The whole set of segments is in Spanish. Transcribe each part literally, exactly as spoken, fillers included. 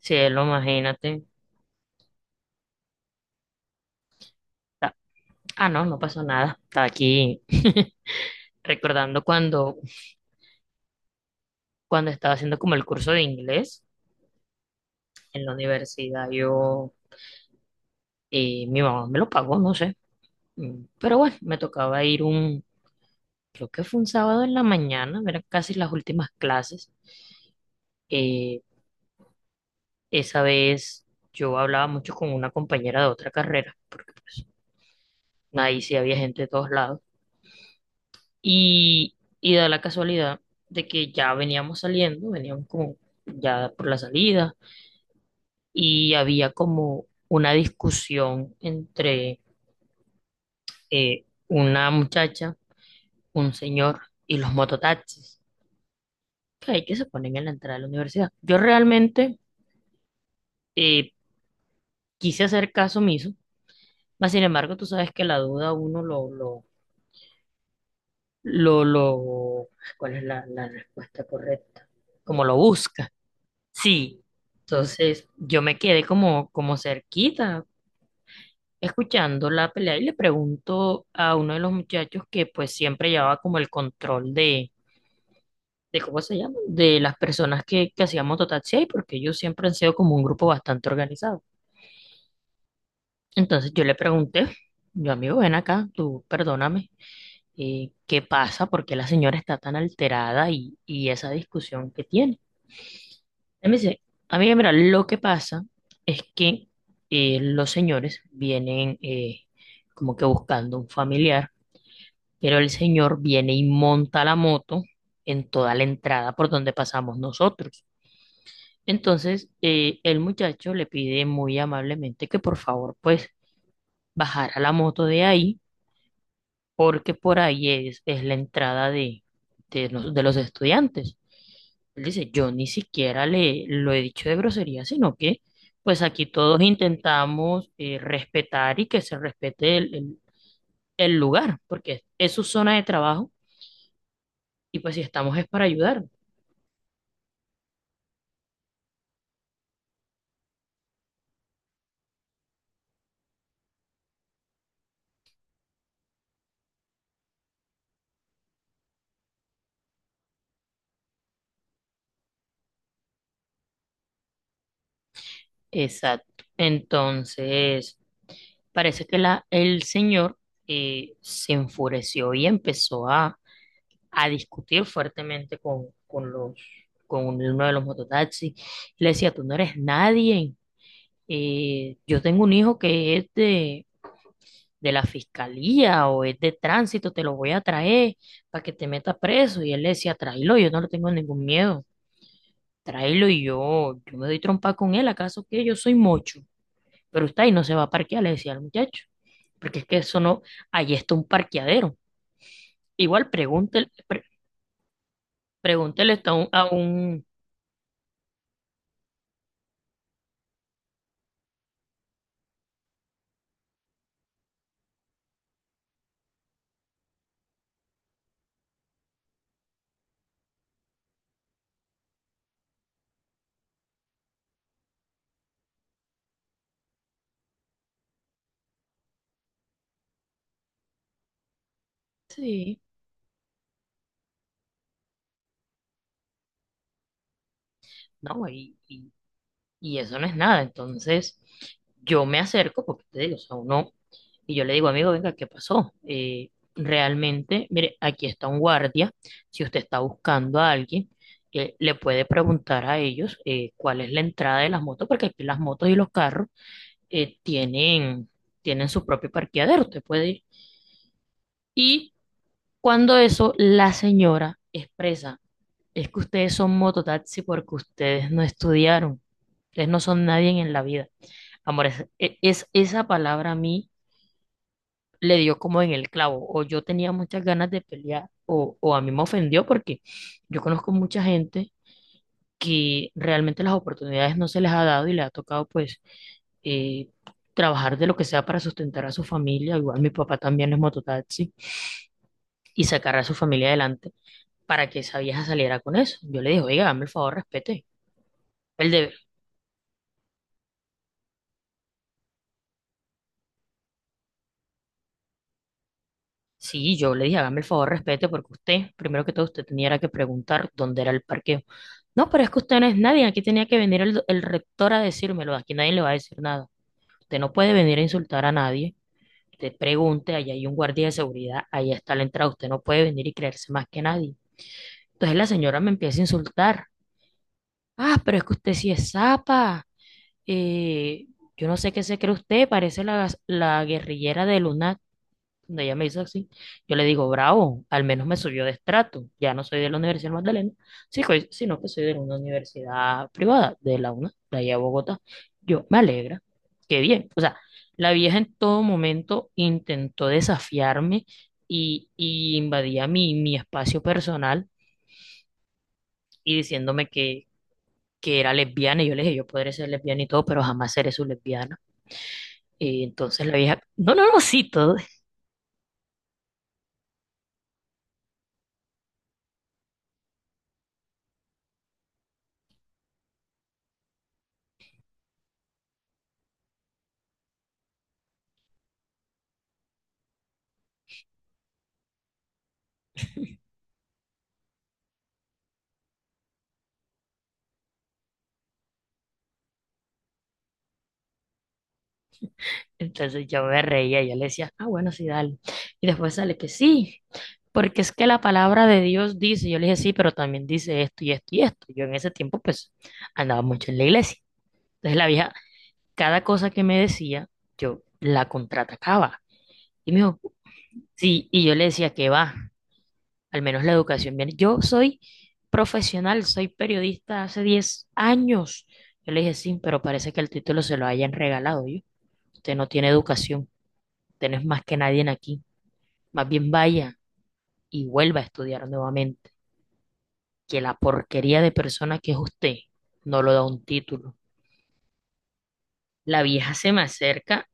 Cielo, imagínate. Ta- Ah, no, no pasó nada. Estaba aquí recordando cuando, cuando estaba haciendo como el curso de inglés en la universidad. Yo, eh, mi mamá me lo pagó, no sé. Mm, Pero bueno, me tocaba ir un, creo que fue un sábado en la mañana, eran casi las últimas clases. Eh, Esa vez yo hablaba mucho con una compañera de otra carrera, porque pues ahí sí había gente de todos lados. Y, y da la casualidad de que ya veníamos saliendo, veníamos como ya por la salida y había como una discusión entre eh, una muchacha, un señor y los mototaxis que hay que se ponen en la entrada de la universidad. Yo realmente eh, quise hacer caso omiso, mas sin embargo tú sabes que la duda uno lo, lo, lo, lo, ¿cuál es la, la respuesta correcta? Como lo busca. Sí, entonces yo me quedé como, como cerquita escuchando la pelea y le pregunto a uno de los muchachos que pues siempre llevaba como el control de, de ¿cómo se llama? De las personas que, que hacían mototaxi ahí, porque ellos siempre han sido como un grupo bastante organizado. Entonces yo le pregunté, yo amigo, ven acá, tú perdóname, eh, ¿qué pasa? ¿Por qué la señora está tan alterada y, y esa discusión que tiene? Déjame decir, a mí, mira, lo que pasa es que eh, los señores vienen eh, como que buscando un familiar, pero el señor viene y monta la moto en toda la entrada por donde pasamos nosotros. Entonces, eh, el muchacho le pide muy amablemente que por favor, pues, bajara la moto de ahí porque por ahí es, es la entrada de, de, los, de los estudiantes. Él dice, yo ni siquiera le lo he dicho de grosería, sino que pues aquí todos intentamos eh, respetar y que se respete el, el- el lugar, porque es su zona de trabajo y pues si estamos es para ayudar. Exacto. Entonces, parece que la, el señor eh, se enfureció y empezó a a discutir fuertemente con, con los, con uno de los mototaxis. Le decía, tú no eres nadie. Eh, yo tengo un hijo que es de, de la fiscalía o es de tránsito, te lo voy a traer para que te metas preso. Y él le decía, tráelo, yo no le tengo ningún miedo. Tráelo y yo, yo me doy trompa con él, ¿acaso que yo soy mocho? Pero está ahí, no se va a parquear, le decía al muchacho. Porque es que eso no, ahí está un parqueadero. Igual pregúntele, pre- pregúntele esto a un, a un- sí, ¿no? Y, y- y eso no es nada. Entonces, yo me acerco, porque te digo, o sea, uno, y yo le digo, amigo, venga, ¿qué pasó? Eh, realmente, mire, aquí está un guardia. Si usted está buscando a alguien, eh, le puede preguntar a ellos eh, cuál es la entrada de las motos, porque aquí las motos y los carros eh, tienen, tienen su propio parqueadero, usted puede ir. Y cuando eso, la señora expresa, es que ustedes son mototaxi porque ustedes no estudiaron. Ustedes no son nadie en la vida. Amor, es, e- es- esa palabra a mí le dio como en el clavo. O yo tenía muchas ganas de pelear, o, o a mí me ofendió porque yo conozco mucha gente que realmente las oportunidades no se les ha dado y le ha tocado pues eh, trabajar de lo que sea para sustentar a su familia. Igual mi papá también es mototaxi y sacar a su familia adelante para que esa vieja saliera con eso. Yo le dije, oiga, dame el favor, respete. El, de- Sí, yo le dije, hágame el favor, respete, porque usted, primero que todo, usted tenía que preguntar dónde era el parqueo. No, pero es que usted no es nadie, aquí tenía que venir el, el rector a decírmelo, aquí nadie le va a decir nada. Usted no puede venir a insultar a nadie, usted pregunte, allá hay un guardia de seguridad, ahí está la entrada, usted no puede venir y creerse más que nadie. Entonces la señora me empieza a insultar. Ah, pero es que usted sí es zapa, eh, yo no sé qué se cree usted, parece la, la guerrillera de donde ella me dice así, yo le digo, bravo, al menos me subió de estrato. Ya no soy de la Universidad Magdalena, sí, co- sino que soy de una universidad privada, de la UNA, de allá de Bogotá. Yo, me alegra, qué bien. O sea, la vieja en todo momento intentó desafiarme y, y invadía mi, mi espacio personal y diciéndome que, que era lesbiana. Y yo le dije, yo podré ser lesbiana y todo, pero jamás seré su lesbiana. Y entonces la vieja, no, no, no, sí, todo, entonces yo me reía, yo le decía, ah, bueno, sí, dale. Y después sale que sí, porque es que la palabra de Dios dice, yo le dije, sí, pero también dice esto y esto y esto. Yo en ese tiempo, pues, andaba mucho en la iglesia. Entonces la vieja, cada cosa que me decía, yo la contraatacaba. Y me dijo, sí, y yo le decía que va, al menos la educación viene. Yo soy profesional, soy periodista hace diez años. Yo le dije, sí, pero parece que el título se lo hayan regalado yo. Usted no tiene educación, usted no es más que nadie en aquí. Más bien vaya y vuelva a estudiar nuevamente, que la porquería de persona que es usted no lo da un título. La vieja se me acerca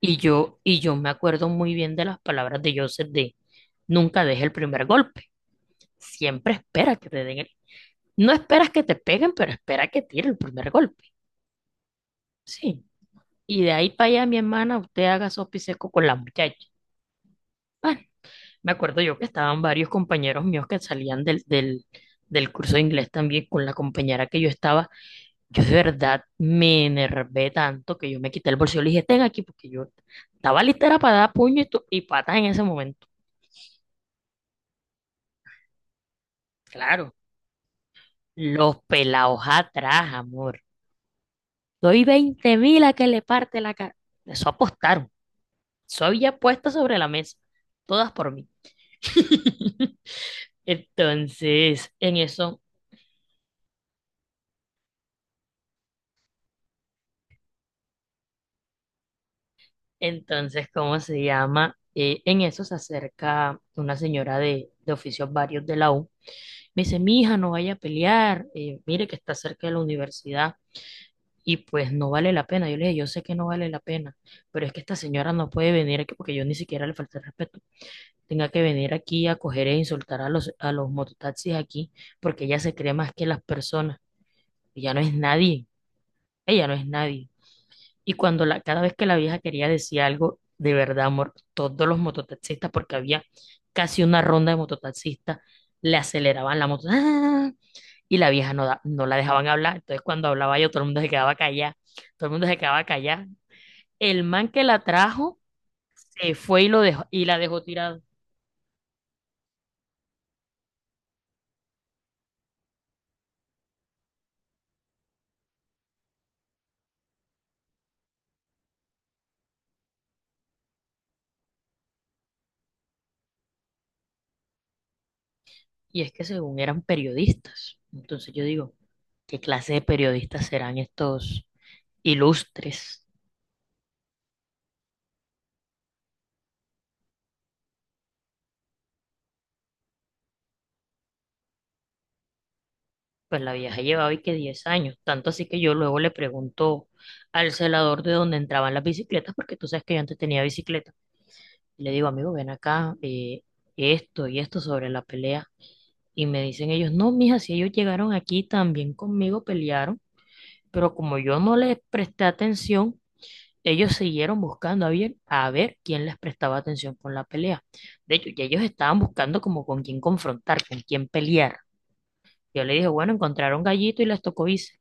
y yo, y yo me acuerdo muy bien de las palabras de Joseph de nunca deje el primer golpe. Siempre espera que te den el- no esperas que te peguen, pero espera que tire el primer golpe. Sí. Y de ahí para allá, mi hermana, usted haga sopa y seco con la muchacha. Bueno, me acuerdo yo que estaban varios compañeros míos que salían del, del, del curso de inglés también con la compañera que yo estaba. Yo de verdad me enervé tanto que yo me quité el bolsillo y le dije, ten aquí, porque yo estaba listera para dar puño y, tu- y patas en ese momento. Claro, los pelados atrás, amor. Doy veinte mil a que le parte la cara. Eso apostaron. Eso había puesto sobre la mesa. Todas por mí. Entonces, en eso, entonces, ¿cómo se llama? Eh, en eso se acerca una señora de, de oficios varios de la U. Me dice, mi hija, no vaya a pelear, eh, mire que está cerca de la universidad y pues no vale la pena. Yo le dije, yo sé que no vale la pena, pero es que esta señora no puede venir aquí porque yo ni siquiera le falté el respeto. Tenga que venir aquí a coger e insultar a los, a los mototaxis aquí porque ella se cree más que las personas. Ella no es nadie, ella no es nadie. Y cuando la, cada vez que la vieja quería decir algo, de verdad, amor, todos los mototaxistas, porque había casi una ronda de mototaxistas, le aceleraban la moto. ¡Ah! Y la vieja no, da- no la dejaban hablar. Entonces, cuando hablaba yo, todo el mundo se quedaba callado. Todo el mundo se quedaba callado. El man que la trajo se fue y, lo dejó, y la dejó tirada. Y es que según eran periodistas. Entonces yo digo, ¿qué clase de periodistas serán estos ilustres? Pues la vieja llevaba y que diez años. Tanto así que yo luego le pregunto al celador de dónde entraban las bicicletas, porque tú sabes que yo antes tenía bicicleta. Y le digo, amigo, ven acá, eh, esto y esto sobre la pelea. Y me dicen ellos, no, mija, si ellos llegaron aquí también conmigo pelearon, pero como yo no les presté atención, ellos siguieron buscando a ver, a ver quién les prestaba atención con la pelea. De hecho, ya ellos estaban buscando como con quién confrontar, con quién pelear. Yo le dije, bueno, encontraron gallito y les tocó irse.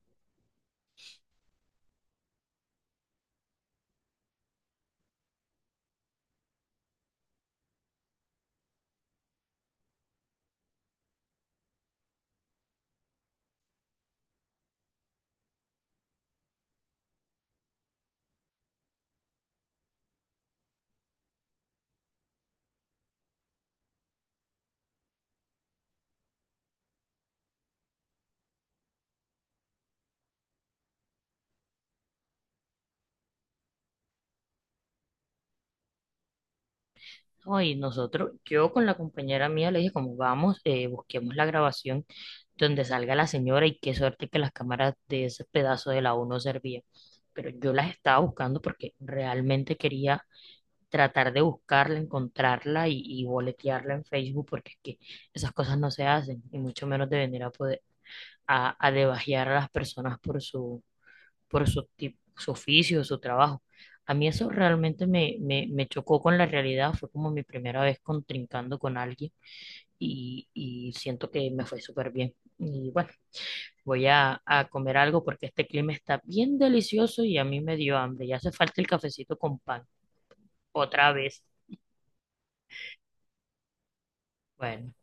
Hoy nosotros, yo con la compañera mía le dije, como vamos, eh, busquemos la grabación donde salga la señora y qué suerte que las cámaras de ese pedazo de la U no servían. Pero yo las estaba buscando porque realmente quería tratar de buscarla, encontrarla y, y boletearla en Facebook porque es que esas cosas no se hacen y mucho menos de venir a poder a, a debajear a las personas por su por su, tip- su oficio, su trabajo. A mí eso realmente me, me, me chocó con la realidad, fue como mi primera vez contrincando con alguien y, y siento que me fue súper bien. Y bueno, voy a, a comer algo porque este clima está bien delicioso y a mí me dio hambre, ya hace falta el cafecito con pan, otra vez. Bueno.